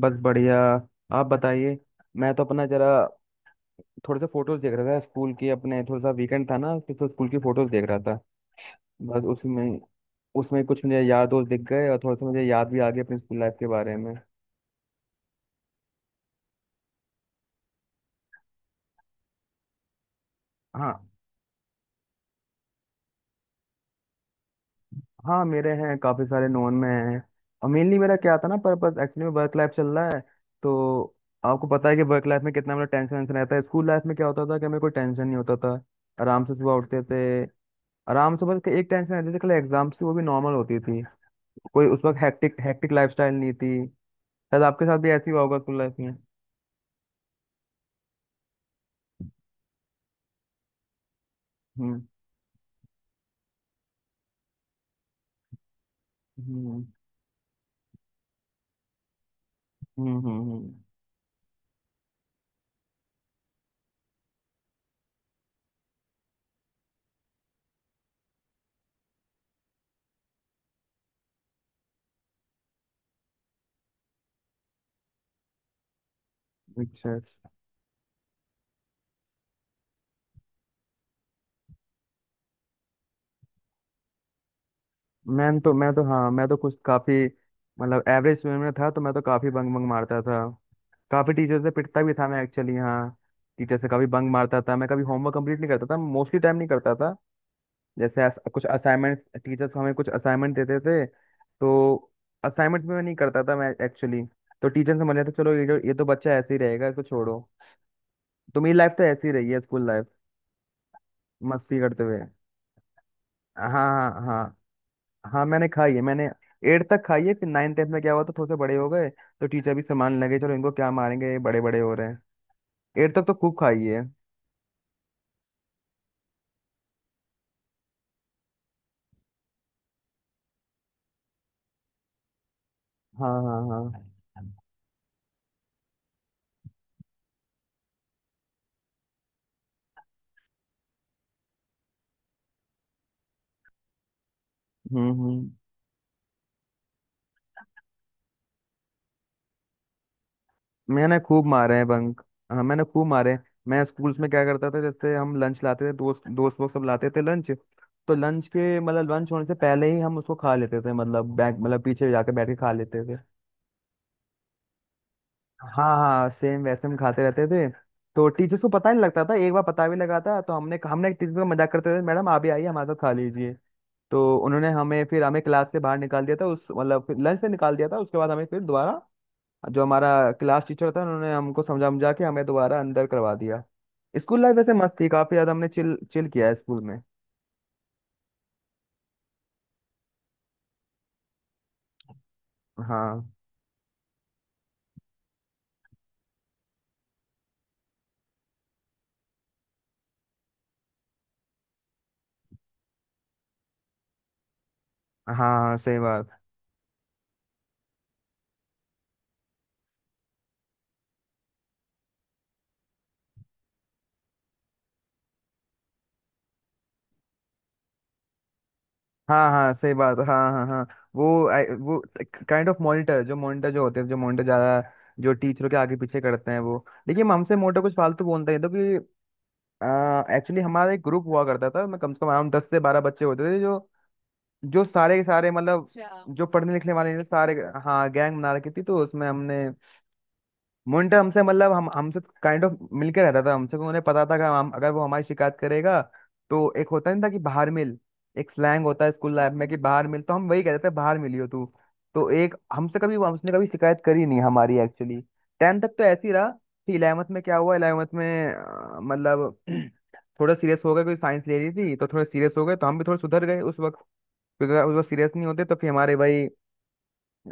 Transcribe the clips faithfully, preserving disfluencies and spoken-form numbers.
बस बढ़िया। आप बताइए। मैं तो अपना जरा थोड़े से फोटोज देख रहा था स्कूल के अपने। थोड़ा सा वीकेंड था ना, तो स्कूल की फोटोज देख रहा था। बस उसमें उसमें कुछ मुझे यार दोस्त दिख गए, और थोड़ा सा मुझे याद भी आ गया अपनी स्कूल लाइफ के बारे में। हाँ, हाँ मेरे हैं काफ़ी सारे, नॉन में हैं। और मेनली मेरा क्या था ना पर्पस, एक्चुअली में वर्क लाइफ चल रहा है, तो आपको पता है कि वर्क लाइफ में कितना मेरा टेंशन वेंशन रहता है। स्कूल लाइफ में क्या होता था कि हमें कोई टेंशन नहीं होता था। आराम से सुबह उठते थे। आराम से बस एक टेंशन रहती थी कल एग्जाम की, वो भी नॉर्मल होती थी। कोई उस वक्त हेक्टिक हेक्टिक लाइफस्टाइल नहीं थी। शायद आपके साथ भी ऐसी हुआ होगा स्कूल लाइफ में। हम्म, हम्म, हम्म, हम्म, हम्म, अच्छा अच्छा। मैं तो मैं तो हाँ, मैं तो कुछ काफी मतलब एवरेज स्टूडेंट में था, तो मैं तो काफी बंग बंग मारता था। काफी टीचर से पिटता भी था मैं एक्चुअली, हाँ। टीचर से कभी बंग मारता था मैं, कभी होमवर्क कंप्लीट नहीं करता था, मोस्टली टाइम नहीं करता था। जैसे अस, कुछ असाइनमेंट, टीचर्स हमें कुछ असाइनमेंट देते थे, तो असाइनमेंट में मैं नहीं करता था मैं एक्चुअली। तो टीचर समझ लेते चलो ये जो, ये तो बच्चा ऐसे ही रहेगा, इसको छोड़ो। तो मेरी लाइफ तो ऐसी रही है स्कूल लाइफ, मस्ती करते हुए। हाँ, हाँ, हाँ। हाँ मैंने खाई है, मैंने एट तक खाई है। फिर नाइन टेंथ में क्या हुआ, तो थोड़े से बड़े हो गए, तो टीचर भी संभालने लगे, चलो इनको क्या मारेंगे, ये बड़े बड़े हो रहे हैं। एट तक तो खूब खाई है। हाँ, हाँ, हाँ। हम्म, हम्म। मैंने खूब मारे हैं बंक। हाँ मैंने खूब मारे हैं। मैं स्कूल्स में क्या करता था, जैसे हम लंच लाते थे, दोस्त दोस्त लोग सब लाते थे लंच। तो लंच के मतलब लंच होने से पहले ही हम उसको खा लेते थे, मतलब बैग मतलब पीछे जाके बैठ के खा लेते थे। हाँ, हाँ, सेम वैसे हम खाते रहते थे। तो टीचर को पता नहीं लगता था। एक बार पता भी लगा था, तो हमने हमने टीचर को मजाक करते थे, मैडम आप भी आइए हमारे साथ खा लीजिए। तो उन्होंने हमें फिर हमें क्लास से बाहर निकाल दिया था, उस मतलब फिर लंच से निकाल दिया था। उसके बाद हमें फिर दोबारा, जो हमारा क्लास टीचर था, उन्होंने हमको समझा समझा के हमें दोबारा अंदर करवा दिया। स्कूल लाइफ वैसे मस्त थी, काफी ज्यादा हमने चिल चिल किया है स्कूल में। हाँ, हाँ, हाँ, सही बात, हाँ, हाँ, सही बात, हाँ, हाँ, हाँ। वो आई- वो काइंड ऑफ मॉनिटर, जो मॉनिटर जो होते हैं, जो मॉनिटर ज्यादा जो टीचरों के आगे पीछे करते हैं, वो देखिए हम, हमसे मोटा कुछ फालतू बोलते हैं तो कि, एक्चुअली हमारा एक ग्रुप हुआ करता था, मैं कम से कम हम दस से बारह बच्चे होते थे, जो, जो सारे के सारे मतलब जो पढ़ने लिखने वाले थे सारे। हाँ गैंग बना रखी थी, तो उसमें हमने मुंटा हमसे मतलब हम हमसे काइंड ऑफ मिलके रहता था। हमसे उन्हें पता था कि हम, अगर वो हमारी शिकायत करेगा तो एक होता नहीं था कि बाहर मिल। एक स्लैंग होता है स्कूल लाइफ में कि बाहर मिल, तो हम वही कहते थे बाहर मिली हो तू। तो एक हमसे कभी वो- उसने कभी शिकायत करी नहीं हमारी एक्चुअली। टेंथ तक तो ऐसे ही रहा। फिर इलेवंथ में क्या हुआ, इलेवंथ में अ, मतलब थोड़ा सीरियस हो गए क्योंकि साइंस ले रही थी, तो थोड़ा सीरियस हो गए, तो हम भी थोड़ा सुधर गए उस वक्त। क्योंकि अगर उस वक्त सीरियस नहीं होते तो फिर हमारे भाई,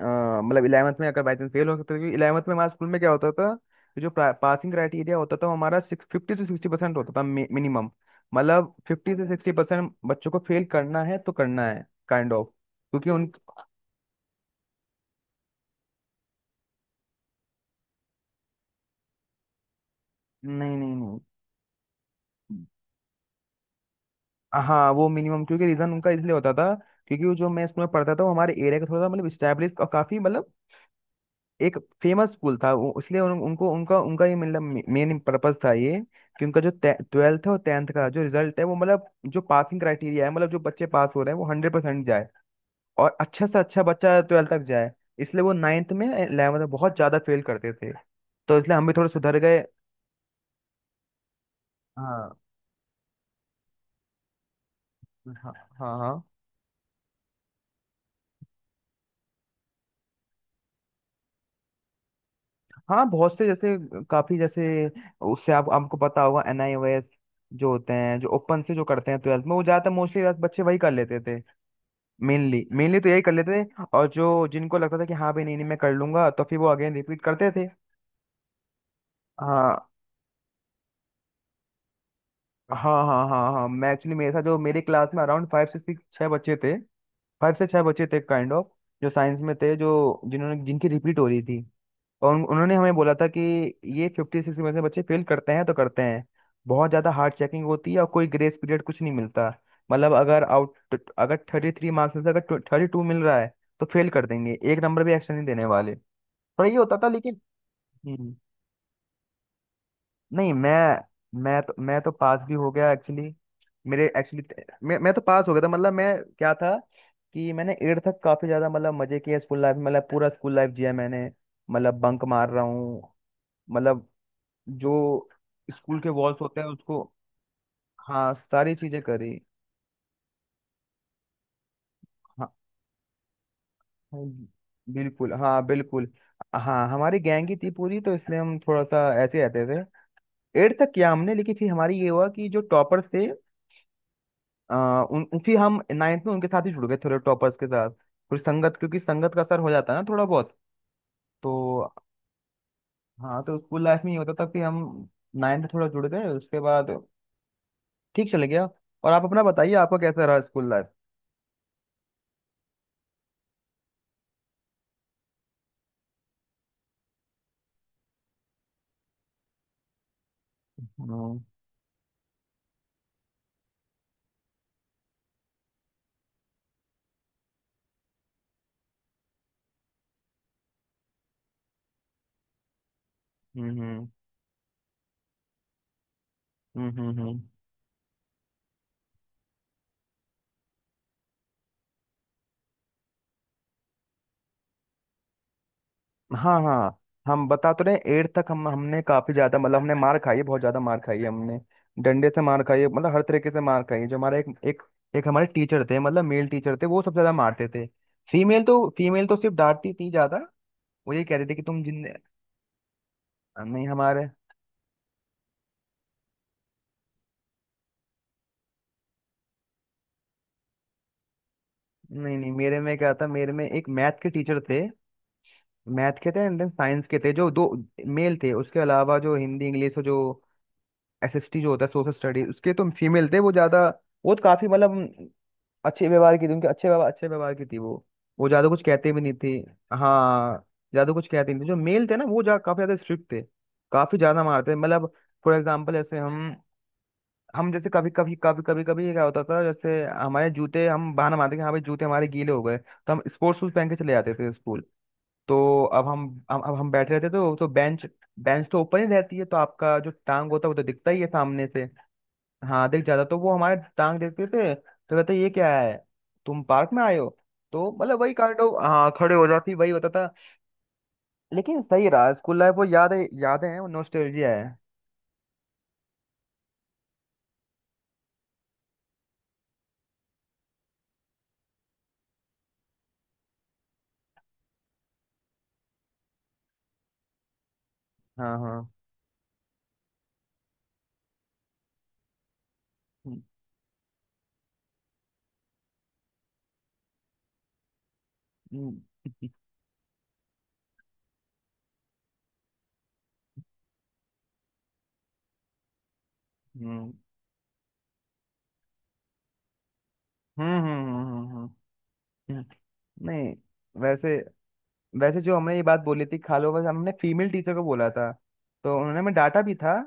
अ, मतलब इलेवंथ में अगर बाई चांस फेल हो सकता था। क्योंकि इलेवंथ में हमारे स्कूल में क्या होता था कि जो पासिंग क्राइटेरिया होता था वो हमारा, सिक्स फिफ्टी से सिक्सटी परसेंट होता था मिनिमम। मतलब फिफ्टी से सिक्सटी परसेंट बच्चों को फेल करना है तो करना है, काइंड ऑफ। क्योंकि उन नहीं, नहीं, नहीं। हाँ वो मिनिमम, क्योंकि रीज़न उनका इसलिए होता था, क्योंकि वो जो मैं स्कूल में पढ़ता था, वो हमारे एरिया का थोड़ा सा मतलब स्टैब्लिश और काफ़ी मतलब एक फेमस स्कूल था वो। इसलिए उन, उनको उनका उनका ये मतलब मेन पर्पस था ये, कि उनका जो ट्वेल्थ और टेंथ का जो रिजल्ट है वो मतलब जो पासिंग क्राइटेरिया है, मतलब जो बच्चे पास हो रहे हैं वो हंड्रेड परसेंट जाए, और अच्छा से अच्छा बच्चा ट्वेल्थ तक जाए। इसलिए वो नाइन्थ में इलेवंथ में बहुत ज्यादा फेल करते थे। तो इसलिए हम भी थोड़े सुधर गए। हाँ, हाँ, हाँ, हाँ। हाँ, बहुत से जैसे, काफी जैसे, उससे आप आपको पता होगा एनआईओएस जो होते हैं, जो ओपन से जो करते हैं ट्वेल्थ में, वो ज्यादातर मोस्टली बच्चे वही कर लेते थे। मेनली मेनली तो यही कर लेते थे, और जो जिनको लगता था कि हाँ भाई, नहीं, नहीं, मैं कर लूंगा, तो फिर वो अगेन रिपीट करते थे। हाँ, हाँ, हाँ, हाँ। हाँ मैं एक्चुअली, मेरे साथ जो मेरे क्लास में अराउंड फाइव से सिक्स छः बच्चे थे, फाइव से छः बच्चे थे काइंड ऑफ, जो साइंस में थे, जो जिन्होंने जिनकी रिपीट हो रही थी। और उन, उन्होंने हमें बोला था कि ये फिफ्टी सिक्स में से बच्चे फेल करते हैं तो करते हैं। बहुत ज़्यादा हार्ड चेकिंग होती है, और कोई ग्रेस पीरियड कुछ नहीं मिलता। मतलब अगर आउट अगर थर्टी थ्री मार्क्स में से अगर थर्टी टू मिल रहा है, तो फेल कर देंगे, एक नंबर भी एक्स्ट्रा नहीं देने वाले। पर ये होता था लेकिन। हम्म, नहीं, मैं मैं तो मैं तो पास भी हो गया एक्चुअली। मेरे एक्चुअली मैं मैं तो पास हो गया था, मतलब मैं क्या था कि मैंने एट तक काफी ज्यादा मतलब मजे किए स्कूल लाइफ में, मतलब पूरा स्कूल लाइफ जिया मैंने। मतलब बंक मार रहा हूँ, मतलब जो स्कूल के वॉल्स होते हैं उसको, हाँ सारी चीजें करी। हाँ, हाँ, बिल्कुल, हाँ बिल्कुल। हाँ हमारी गैंग ही थी पूरी, तो इसलिए हम थोड़ा सा ऐसे रहते थे। एट तक किया हमने, लेकिन फिर हमारी ये हुआ कि जो टॉपर्स थे, आ, उन फिर हम नाइन्थ में उनके साथ ही जुड़ गए, थोड़े टॉपर्स के साथ। फिर संगत, क्योंकि संगत का असर हो जाता है ना थोड़ा बहुत। तो हाँ, तो स्कूल लाइफ में ये होता था कि हम नाइन्थ में थोड़ा जुड़ गए, उसके बाद ठीक चले गया। और आप अपना बताइए, आपका कैसा रहा स्कूल लाइफ। हम्म, हम्म, हम्म, हम्म, हम्म। हाँ, हाँ, हम बता तो रहे हैं, एट तक हम, हमने काफी ज्यादा मतलब हमने मार खाई है, बहुत ज्यादा मार खाई है हमने। डंडे से मार खाई है, मतलब हर तरीके से मार खाई है। जो हमारे एक एक एक हमारे टीचर थे, मतलब मेल टीचर थे, वो सबसे ज्यादा मारते थे। फीमेल तो फीमेल तो सिर्फ डांटती थी ज्यादा। वो ये कह रही थी कि तुम जिन, नहीं हमारे नहीं, नहीं मेरे में क्या था, मेरे में एक मैथ के टीचर थे। मैथ के थे एंड देन साइंस के थे, जो दो मेल थे। उसके अलावा जो हिंदी इंग्लिश और जो एसएसटी जो होता है सोशल स्टडी, उसके तो फीमेल थे वो ज्यादा। वो तो काफी मतलब अच्छे व्यवहार की थी। उनके अच्छे व्यवहार अच्छे व्यवहार की थी वो वो ज्यादा कुछ कहते भी नहीं थी। हाँ, ज्यादा कुछ कहते नहीं थे। जो मेल थे ना, वो जा काफी ज्यादा स्ट्रिक्ट थे, काफी ज्यादा मारते थे। मतलब फॉर एग्जाम्पल, जैसे हम हम जैसे कभी कभी कभी कभी कभी ये क्या होता था, जैसे हमारे जूते, हम बहाना मारते कि हाँ भाई जूते हमारे गीले हो गए, तो हम स्पोर्ट्स शूज पहन के चले जाते थे स्कूल। तो अब हम अब अब हम बैठे रहते, तो तो बेंच, बेंच तो ऊपर ही रहती है, तो आपका जो टांग होता है, वो तो दिखता ही है सामने से। हाँ दिख जाता, तो वो हमारे टांग देखते थे, तो कहते ये क्या है, तुम पार्क में आए हो। तो मतलब वही कांड हो, हाँ खड़े हो जाती, वही होता था। लेकिन सही रहा स्कूल लाइफ, वो यादें यादें हैं, वो नॉस्टैल्जिया है। हाँ, हाँ, हम्म, हम्म, हम्म, हम्म, हम्म, हम्म, हम्म, हम्म, हम्म, हम्म। नहीं, वैसे वैसे जो हमने ये बात बोली थी खालो, बस हमने फीमेल टीचर को बोला था, तो उन्होंने हमें डांटा भी था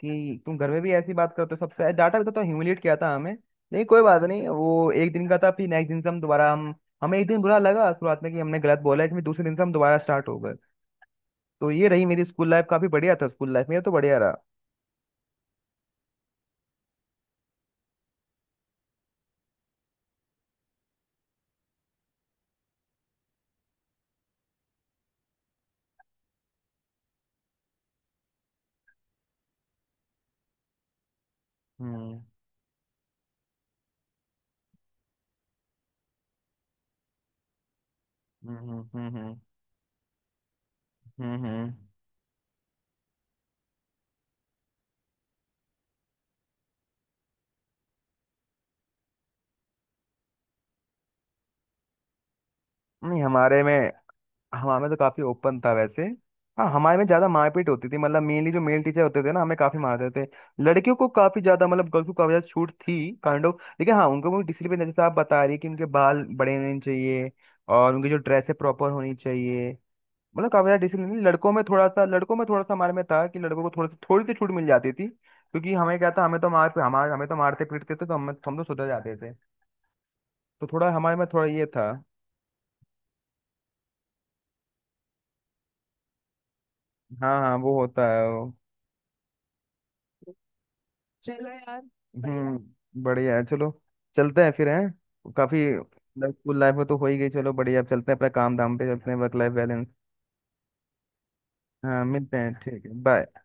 कि तुम घर में भी ऐसी बात करते हो, सबसे डांटा भी था, तो ह्यूमिलेट किया था हमें। लेकिन कोई बात नहीं, वो एक दिन का था, फिर नेक्स्ट दिन से हम दोबारा हम हमें एक दिन बुरा लगा शुरुआत में कि हमने गलत बोला है, फिर दूसरे दिन से हम दोबारा स्टार्ट हो गए। तो ये रही मेरी स्कूल लाइफ, काफी बढ़िया था स्कूल लाइफ, मेरा तो बढ़िया रहा। हम्म, हम्म, हम्म, हम्म, हम्म, हम्म, हम्म। नहीं हमारे में हमारे में तो काफी ओपन था वैसे। हाँ हमारे में ज्यादा मारपीट होती थी, मतलब मेनली जो मेल टीचर होते थे ना हमें काफी मारते थे। लड़कियों को काफी ज्यादा मतलब गर्ल्स को काफी ज्यादा छूट थी काइंड ऑफ। लेकिन हाँ उनको भी डिसिप्लिन, जैसे आप बता रही है कि उनके बाल बड़े होने चाहिए, और उनकी जो ड्रेस है प्रॉपर होनी चाहिए। मतलब काफी ज्यादा डिसिप्लिन। लड़कों में थोड़ा सा लड़कों में थोड़ा सा हमारे में था कि लड़कों को थोड़ी सी थोड़ी सी छूट मिल जाती थी, क्योंकि हमें क्या था, हमें तो मार हमारे हमें तो मारते पीटते थे, तो हम हम तो सुधर जाते थे। तो थोड़ा हमारे में थोड़ा ये था। हाँ, हाँ, वो होता है वो। हम्म, बढ़िया है, चलो चलते हैं फिर। हैं काफी स्कूल लाइफ में तो हो ही गई, चलो बढ़िया, अब चलते हैं अपने काम धाम पे, चलते हैं वर्क लाइफ बैलेंस। हाँ मिलते हैं, ठीक है, बाय।